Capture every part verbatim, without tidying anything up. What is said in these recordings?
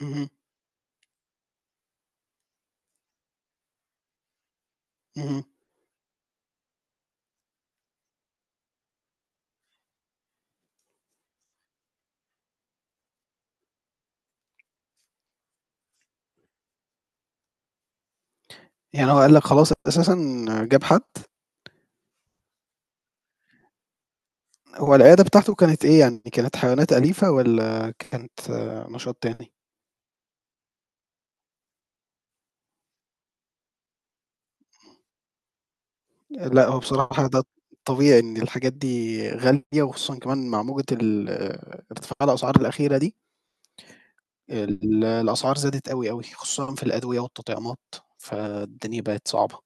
اهم، اهم. يعني هو قال لك خلاص أساسًا جاب حد، هو العيادة بتاعته كانت إيه يعني، كانت حيوانات أليفة والّا كانت آه، نشاط تاني؟ لأ هو بصراحة ده طبيعي إن الحاجات دي غالية وخصوصًا كمان مع موجة ال آه، ارتفاع الأسعار الأخيرة دي، ال الأسعار زادت أوي، أوي، خصوصًا في الأدوية والتطعيمات، فالدنيا بقت صعبة.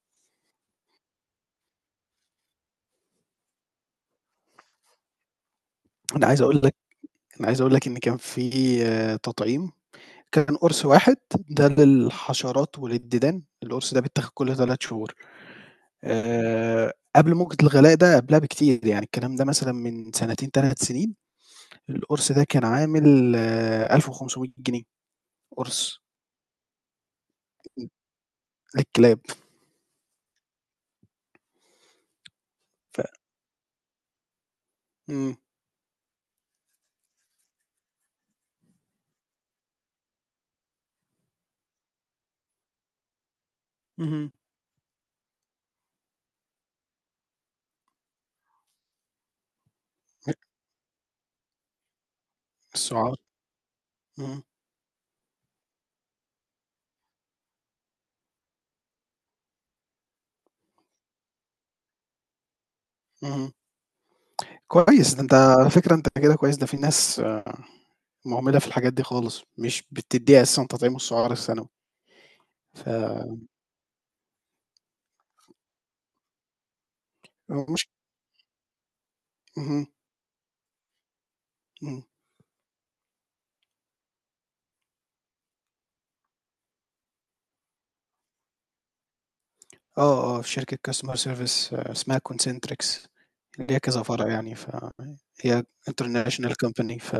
أنا عايز أقول لك أنا عايز أقول لك إن كان في آه، تطعيم، كان قرص واحد ده للحشرات وللديدان، القرص ده بيتاخد كل 3 شهور. آآ قبل موجة الغلاء ده قبلها بكتير، يعني الكلام ده مثلًا من سنتين 3 سنين، القرص ده كان عامل ألف وخمسميه جنيه قرص للكلاب، ف إمم، اهم، السُعار، اهم، اهم، كويس ده أنت على فكرة أنت كده كويس، ده في ناس آه، مهملة في الحاجات دي خالص، مش بتدّيها أساسًا تطعيم السُعار السنوي، ف مش اهم، إمم، آه، آه، في شركة customer service آه، اسمها concentrix ليها كذا فرع يعني، فهي international company ف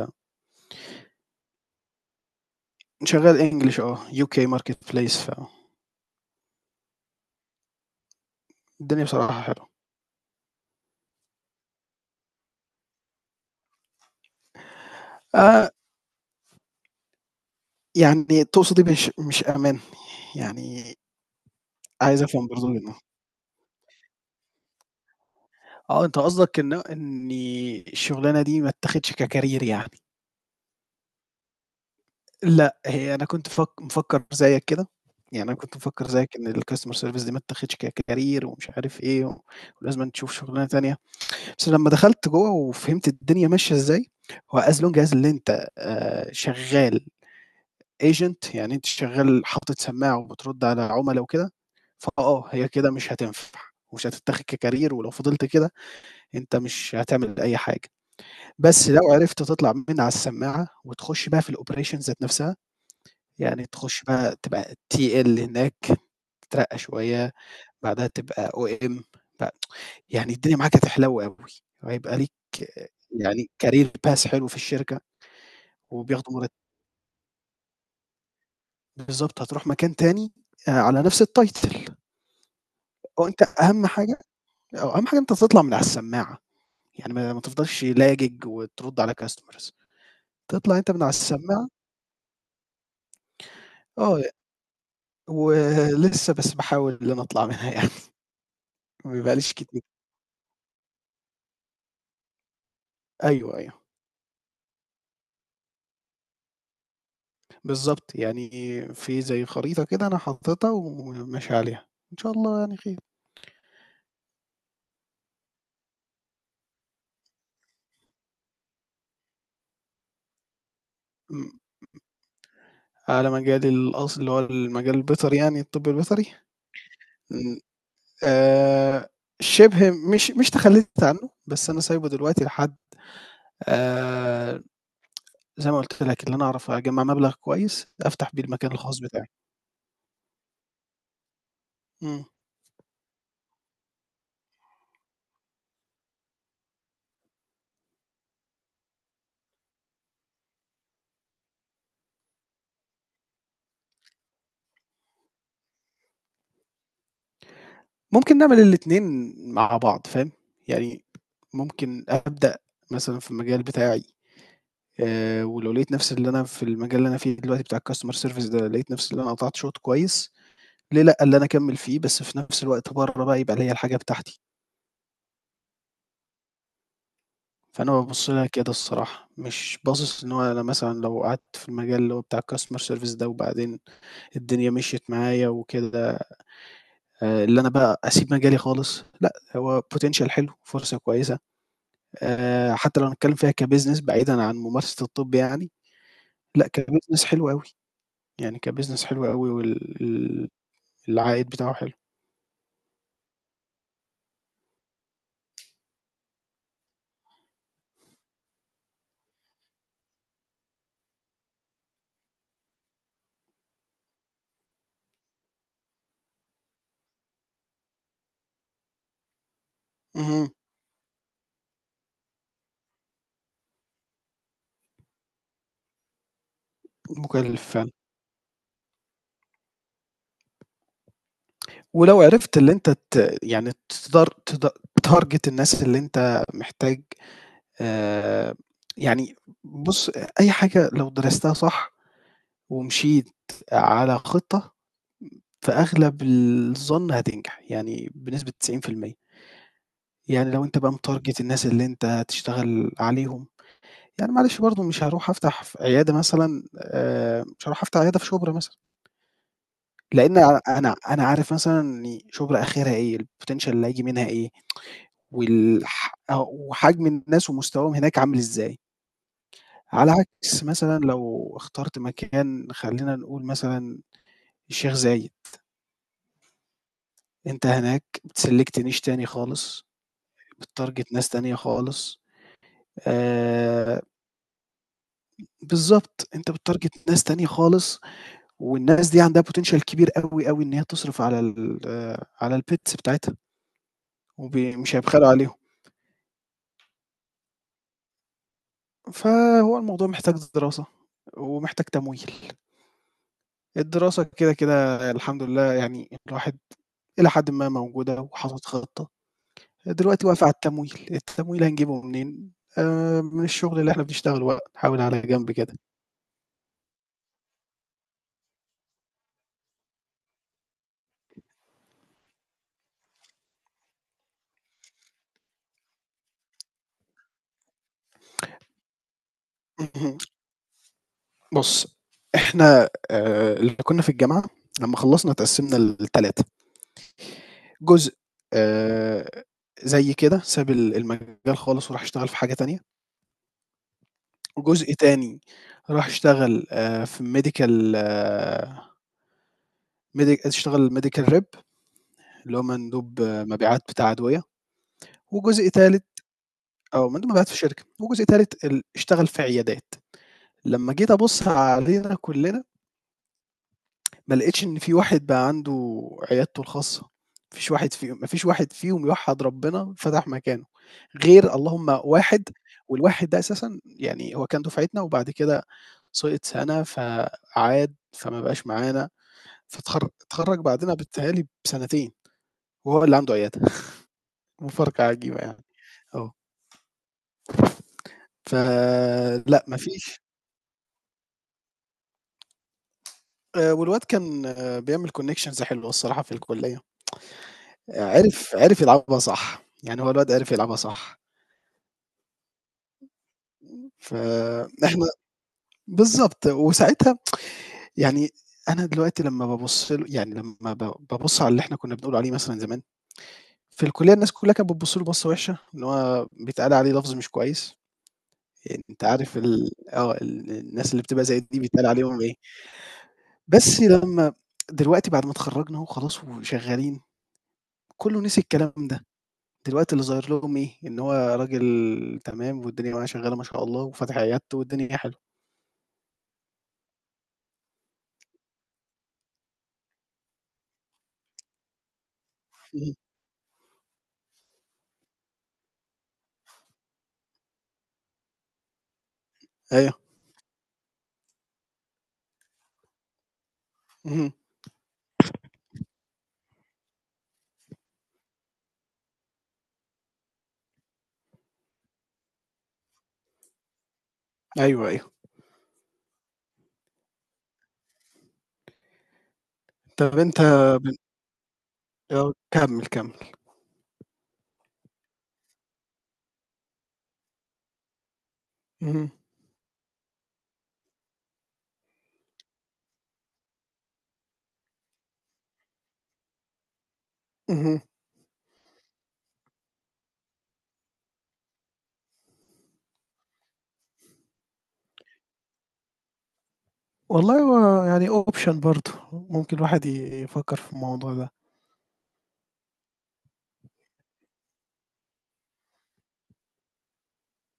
شغال English آه، يو كي marketplace فالدنيا بصراحة حلوة. آآ يعني تقصد إيه مش مش أمان؟ يعني عايز أفهم برضه منّك. آه، أنت قصدك إن إنّي الشغلانة دي ما اتّاخدش كcareer يعني. لأ، هي أنا كنت فك مفكّر زيّك كده، يعني أنا كنت مفكّر زيّك إن الcustomer service دي ما اتّاخدش كcareer ومش عارف إيه، ولازمًا تشوف شغلانة تانية، بس لمّا دخلت جوّه وفهمت الدنيا ماشية إزاي، هو as long as اللي أنت آآ شغّال agent يعني أنتِ شغّال حاطط سماعة وبترُد على عُملا وكده، فآه، هي كده مش هتنفع ومش هتتاخد كcareer ولو فضلت كده أنت مش هتعمل أي حاجة، بس لو عرفت تطلع من على السماعة وتخُش بقى في الoperation ذات نَفْسها، يعني تخُش بقى تبقى تي إل هناك، تترقّى شوية، بعدها تبقى أو إم ب يعني الدنيا معاك هتحلو أوي، وهيبقى ليك يعني career path حلو في الشركة وبياخدوا مرت بالضبط، هتروح مكان تاني آآ على نَفْس الtitle. هو أنت أهم حاجة آه، أهم حاجة أنت تطلع من على السماعة، يعني ما ما تفضلش لاجج وترُد على customers تطلع أنت من على السماعة آه، ولسه بس باحاول إن أنا أطلع منها يعني ما بقاليش كتير. أيوه، أيوه، بالضبط، يعني في زي خريطة كده أنا حاططها وماشي عليها، إن شاء الله يعني خير. إمم، على مجال الأصل اللي هو المجال البيطري يعني الطب البيطري، إمم، آآ، شِبه مش مش تخلّيت عنه، بس أنا سايبه دلوقتي لحد آآ زي ما قُلت لك، اللي أنا أعرف أجمّع مبلغ كويس أفتح بيه المكان الخاص بتاعي. إمم. ممكن نعمل الاتنين مع بعض فاهم، يعني ممكن أبدأ مثلًا في المجال بتاعي آآ، ولو لقيت نفسي اللي أنا في المجال اللي أنا فيه دلوقتي بتاع الcustomer service ده، لقيت نفسي اللي أنا قطعت شوط كويس، ليه لأ اللي أنا أكمّل فيه، بس في نفس الوقت برّه بقى يبقى ليّا الحاجة بتاعتي. فأنا بابُص لها كده الصراحة، مش باصص إن هو أنا مثلًا لو قعدت في المجال اللي هو بتاع الcustomer service ده وبعدين الدنيا مشيت معايا وكده آآ اللي أنا بقى أسيب مجالي خالص، لأ، هو potential حلو، فرصة كويسة، آآ حتى لو هنتكلّم فيها كbusiness بعيدًا عن ممارسة الطب يعني، لأ كbusiness حلو أوي، يعني كbusiness حلو أوي وال ال العائد بتاعه حلو. اهم، مكلّف فعلًا. ولو عرفت اللي أنت ت يعني تدار تد تtarget الناس اللي أنت محتاج آآ يعني بُص، أي حاجة لو درستها صح ومشيت على خطة فأغلب الظن هتنجح، يعني بنسبة تسعين في المية. يعني لو أنت بقى متارجت الناس اللي أنت هتشتغل عليهم، يعني معلش برضه مش هاروح أفتح ف عيادة مثلًا آآ، مش هاروح أفتح عيادة في شُبرا مثلًا، لإن أ أنا أنا عارف مثلًا إن شُبرا آخرها إيه، الpotential اللي هييجي منها إيه، والح وحجم الناس ومستواهم هناك عامل إزاي، على عكس مثلًا لو اخترت مكان خلّينا نقول مثلًا الشيخ زايد، أنت هناك select niche تاني خالص. بتارجت ناس تانية خالص آآ بالضبط، أنت بتارجت ناس تانية خالص، والناس دي عندها potential كبير أوي، أوي إن هي تصرف على ال آه، على الpets بتاعتها، وب مش هيبخلوا عليهم، فهو الموضوع محتاج دراسة، ومحتاج تمويل، الدراسة كده، كده الحمد لله يعني الواحد إلى حدٍ ما موجودة وحاطط خطة، دلوقتي واقف على التمويل، التمويل هنجيبه منين؟ آآ من الشغل اللي إحنا بنشتغله بقى، نحاول على جنب كده. بُص، إحنا آآ اللي كُنّا في الجامعة لمّا خلّصنا اتقسّمنا لثلاثة، جزء آآ زي كده ساب ال المجال خالص وراح اشتغل في حاجة تانية، وجزء تاني راح اشتغل آآ في medical medi اشتغل medical rep اللي هو مندوب آه، مبيعات بتاع أدوية، وجزء تالت آه، مندوب مبيعات في شركة، وجزء تالت ال اشتغل في عيادات. لمّا جيت أبُص علينا كُلّنا ما لقيتش إن في واحد بقى عنده عيادته الخاصة، ما فيش واحد في ما فيش واحد فيهم يوحّد ربنا فتح مكانه، غير اللهم واحد والواحد ده أساسًا يعني هو كان دُفعتنا وبعد كده سقط سَنة فعاد، فما بقاش معانا، فاتخر اتخرّج بعدنا بيتهيأ لي بسنتين وهو اللي عنده عيادة، مفارقة عجيبة يعني، آه، فلأ ما فيش آآ والواد كان آه، بيعمل connections حلوة الصراحة في الكُلّية، آه، عرف عرف يلعبها صح، يعني هو الواد عرف يلعبها صح. فإحنا بالضبط، وساعتها يعني أنا دلوقتي لمّا بابُص له يعني لمّا ب بابُص على اللي إحنا كُنّا بنقول عليه مثلًا زمان، في الكُلّية الناس كُلّها كانت بتبُص له بصّة وِحشة، إن هو بيتقال عليه لفظ مش كويس، يعني أنت عارف ال آه، ال الناس اللي بتبقى زي دي بيتقال عليهم إيه، بس لمّا دلوقتي بعد ما اتخرّجنا أهو خلاص وشغّالين، كُلّه نسي الكلام ده، دلوقتي اللي ظاهر لهم إيه، إن هو راجل تمام والدنيا معاه شغّالة ما شاء الله وفاتح عيادته والدنيا حلوة. اهم، أيوه، اهم، أيوه، أيوه. طَب أنت بن آه، كمّل، كمّل. اهم، اهم. والله هو يعني option برضه، ممكن الواحد ي يفكّر في الموضوع ده.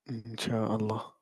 إن شاء الله.